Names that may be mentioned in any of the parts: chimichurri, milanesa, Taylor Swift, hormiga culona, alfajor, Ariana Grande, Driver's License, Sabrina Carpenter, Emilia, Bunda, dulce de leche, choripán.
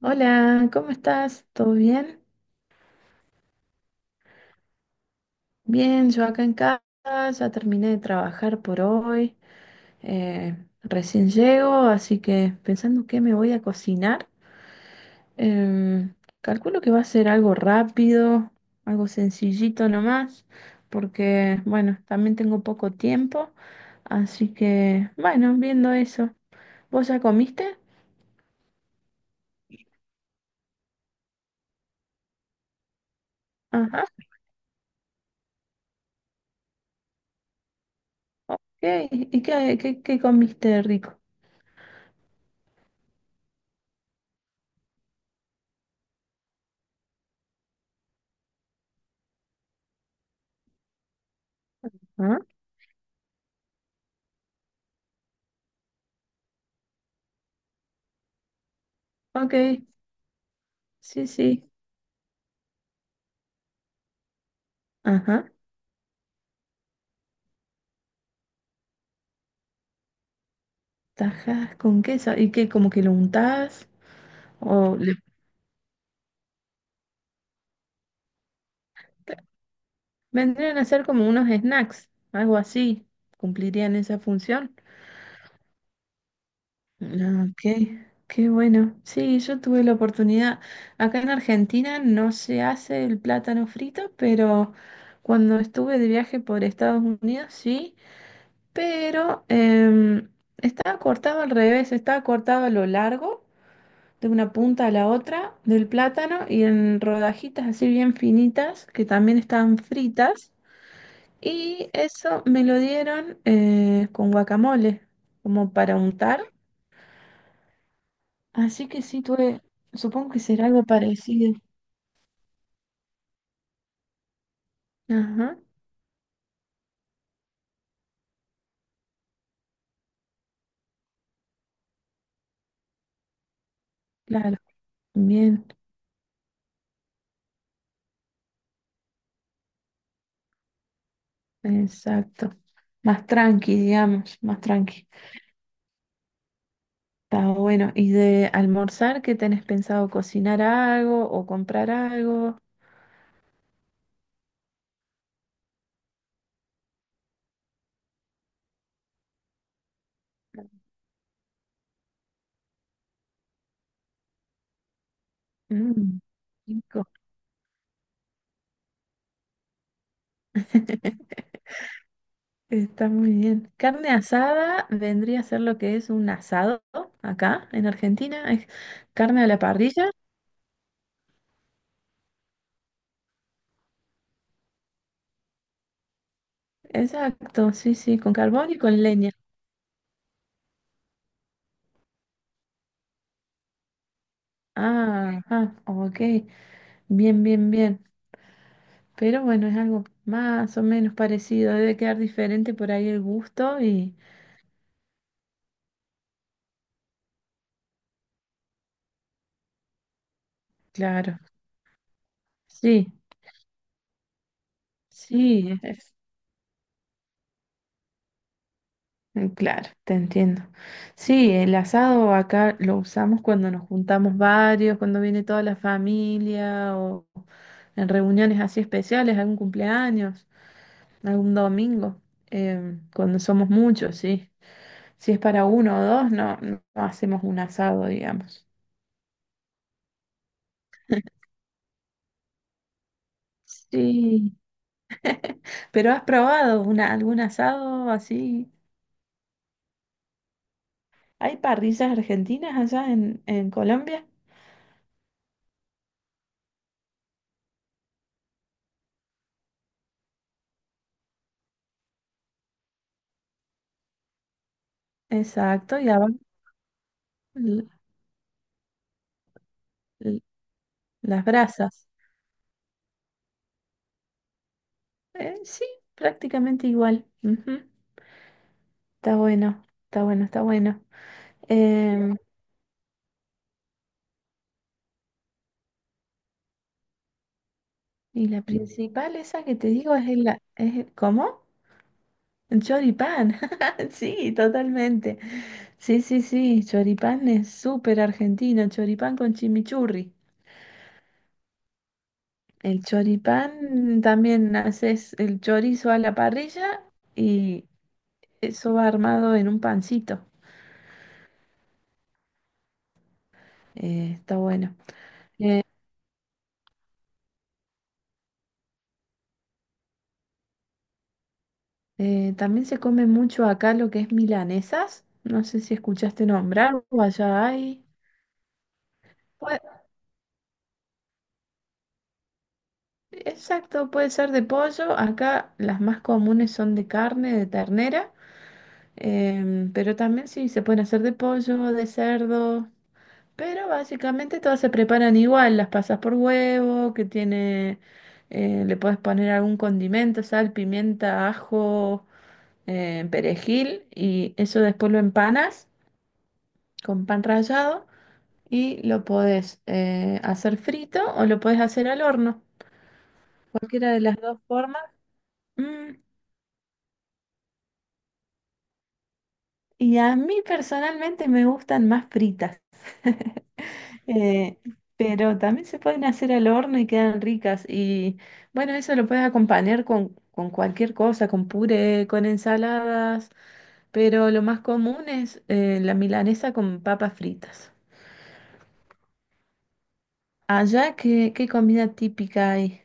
Hola, ¿cómo estás? ¿Todo bien? Bien, yo acá en casa, ya terminé de trabajar por hoy, eh, recién llego, así que pensando qué me voy a cocinar, em, calculo que va a ser algo rápido, algo sencillito nomás, porque bueno, también tengo poco tiempo, así que bueno, viendo eso. ¿Vos ya comiste? Ajá, ok, ¿y qué comiste rico? Ah, ok, sí, sí, ajá. Tajas con queso. ¿Y que como que lo untás? O le... Vendrían a ser como unos snacks, algo así. ¿Cumplirían esa función? Ah, ok, qué bueno. Sí, yo tuve la oportunidad. Acá en Argentina no se hace el plátano frito, pero cuando estuve de viaje por Estados Unidos sí, pero estaba cortado al revés, estaba cortado a lo largo de una punta a la otra del plátano y en rodajitas así bien finitas que también estaban fritas. Y eso me lo dieron con guacamole, como para untar. Así que sí, tuve, supongo que será algo parecido. Ajá, claro, bien, exacto. Más tranqui, digamos, más tranqui. Está bueno. ¿Y de almorzar, qué tenés pensado? ¿Cocinar algo o comprar algo? Mm, rico. Está muy bien. Carne asada vendría a ser lo que es un asado acá en Argentina. Es carne a la parrilla. Exacto, sí, sí, con carbón y con leña. Ah, ah, ok. Bien, bien, bien. Pero bueno, es algo más o menos parecido. Debe quedar diferente por ahí el gusto y claro. Sí, sí. Mm, claro, te entiendo. Sí, el asado acá lo usamos cuando nos juntamos varios, cuando viene toda la familia o en reuniones así especiales, algún cumpleaños, algún domingo, cuando somos muchos, sí. Si es para uno o dos, no, no hacemos un asado, digamos. Sí. ¿Pero has probado una, algún asado así? ¿Hay parrillas argentinas allá en Colombia? Exacto, y abajo las brasas. Sí, prácticamente igual. Ujú. Está bueno, está bueno, está bueno. Em, y la principal, esa que te digo, es la... Es, ¿cómo? El choripán. Sí, totalmente. Sí, sí, sí. Choripán es súper argentino. Choripán con chimichurri. El choripán también haces el chorizo a la parrilla y eso va armado en un pancito. Está bueno. También se come mucho acá lo que es milanesas. No sé si escuchaste nombrar o allá hay. Pue- exacto, puede ser de pollo. Acá las más comunes son de carne, de ternera. Pero también sí se pueden hacer de pollo, de cerdo. Pero básicamente todas se preparan igual. Las pasas por huevo, que tiene. Le puedes poner algún condimento, sal, pimienta, ajo, perejil. Y eso después lo empanas con pan rallado. Y lo podés hacer frito o lo podés hacer al horno, cualquiera de las dos formas. Mm, y a mí personalmente me gustan más fritas. Eh, pero también se pueden hacer al horno y quedan ricas. Y bueno, eso lo puedes acompañar con cualquier cosa, con puré, con ensaladas, pero lo más común es la milanesa con papas fritas. Allá, ¿qué comida típica hay?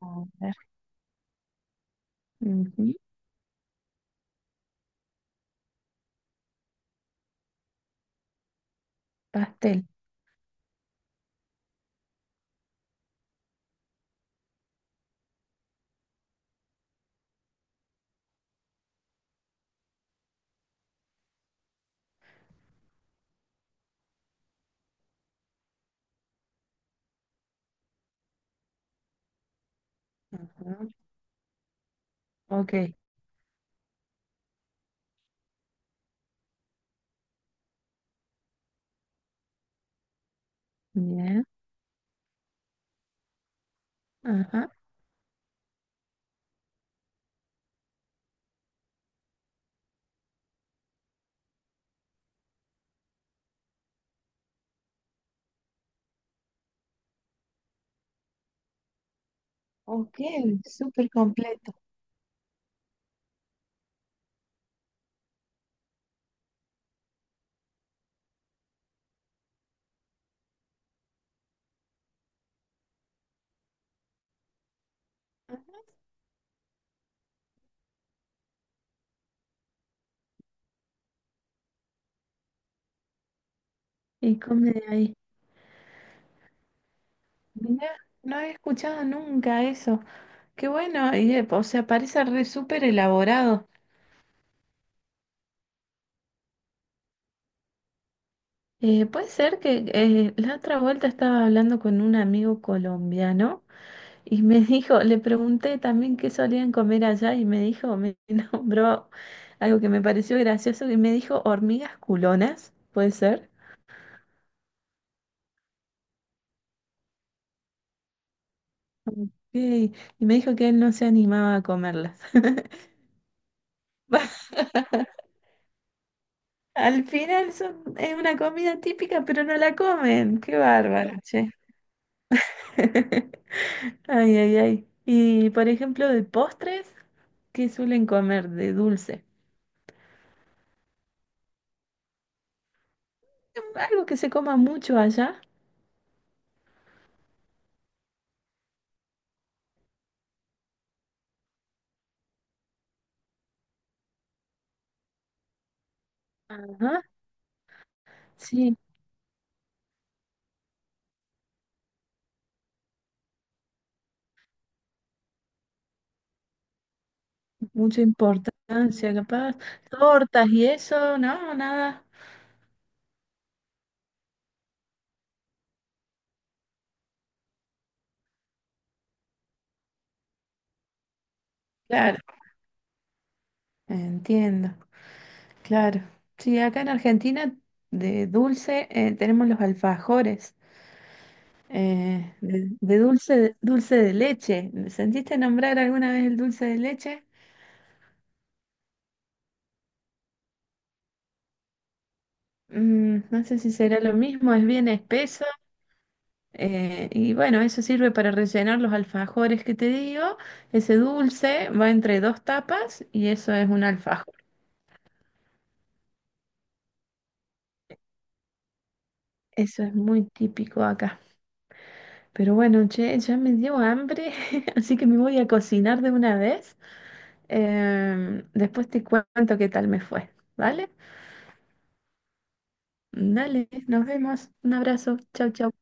A ver. Ujú, pastel. Ujú. Ok, bien, ajá. Ok, súper completo. Ajá. Y come de ahí. Mira, no había escuchado nunca eso. Qué bueno, y, o sea, parece re súper elaborado. Puede ser que la otra vuelta estaba hablando con un amigo colombiano y me dijo, le pregunté también qué solían comer allá y me dijo, me nombró algo que me pareció gracioso y me dijo hormigas culonas, puede ser. Ok, y me dijo que él no se animaba a comerlas. Va- Al final son, es una comida típica, pero no la comen. Qué bárbaro, che. Ay, ay, ay. Y por ejemplo, de postres, ¿qué suelen comer de dulce? Algo que se coma mucho allá. Ajá. Sí, mucha importancia, capaz. Tortas y eso, no, nada. Claro, entiendo. Claro. Sí, acá en Argentina de dulce tenemos los alfajores, de dulce, dulce de leche. ¿Sentiste nombrar alguna vez el dulce de leche? Mm, no sé si será lo mismo, es bien espeso. Y bueno, eso sirve para rellenar los alfajores que te digo. Ese dulce va entre dos tapas y eso es un alfajor. Eso es muy típico acá. Pero bueno, che, ya me dio hambre, así que me voy a cocinar de una vez. Después te cuento qué tal me fue. ¿Vale? Dale, nos vemos. Un abrazo. Chau, chau.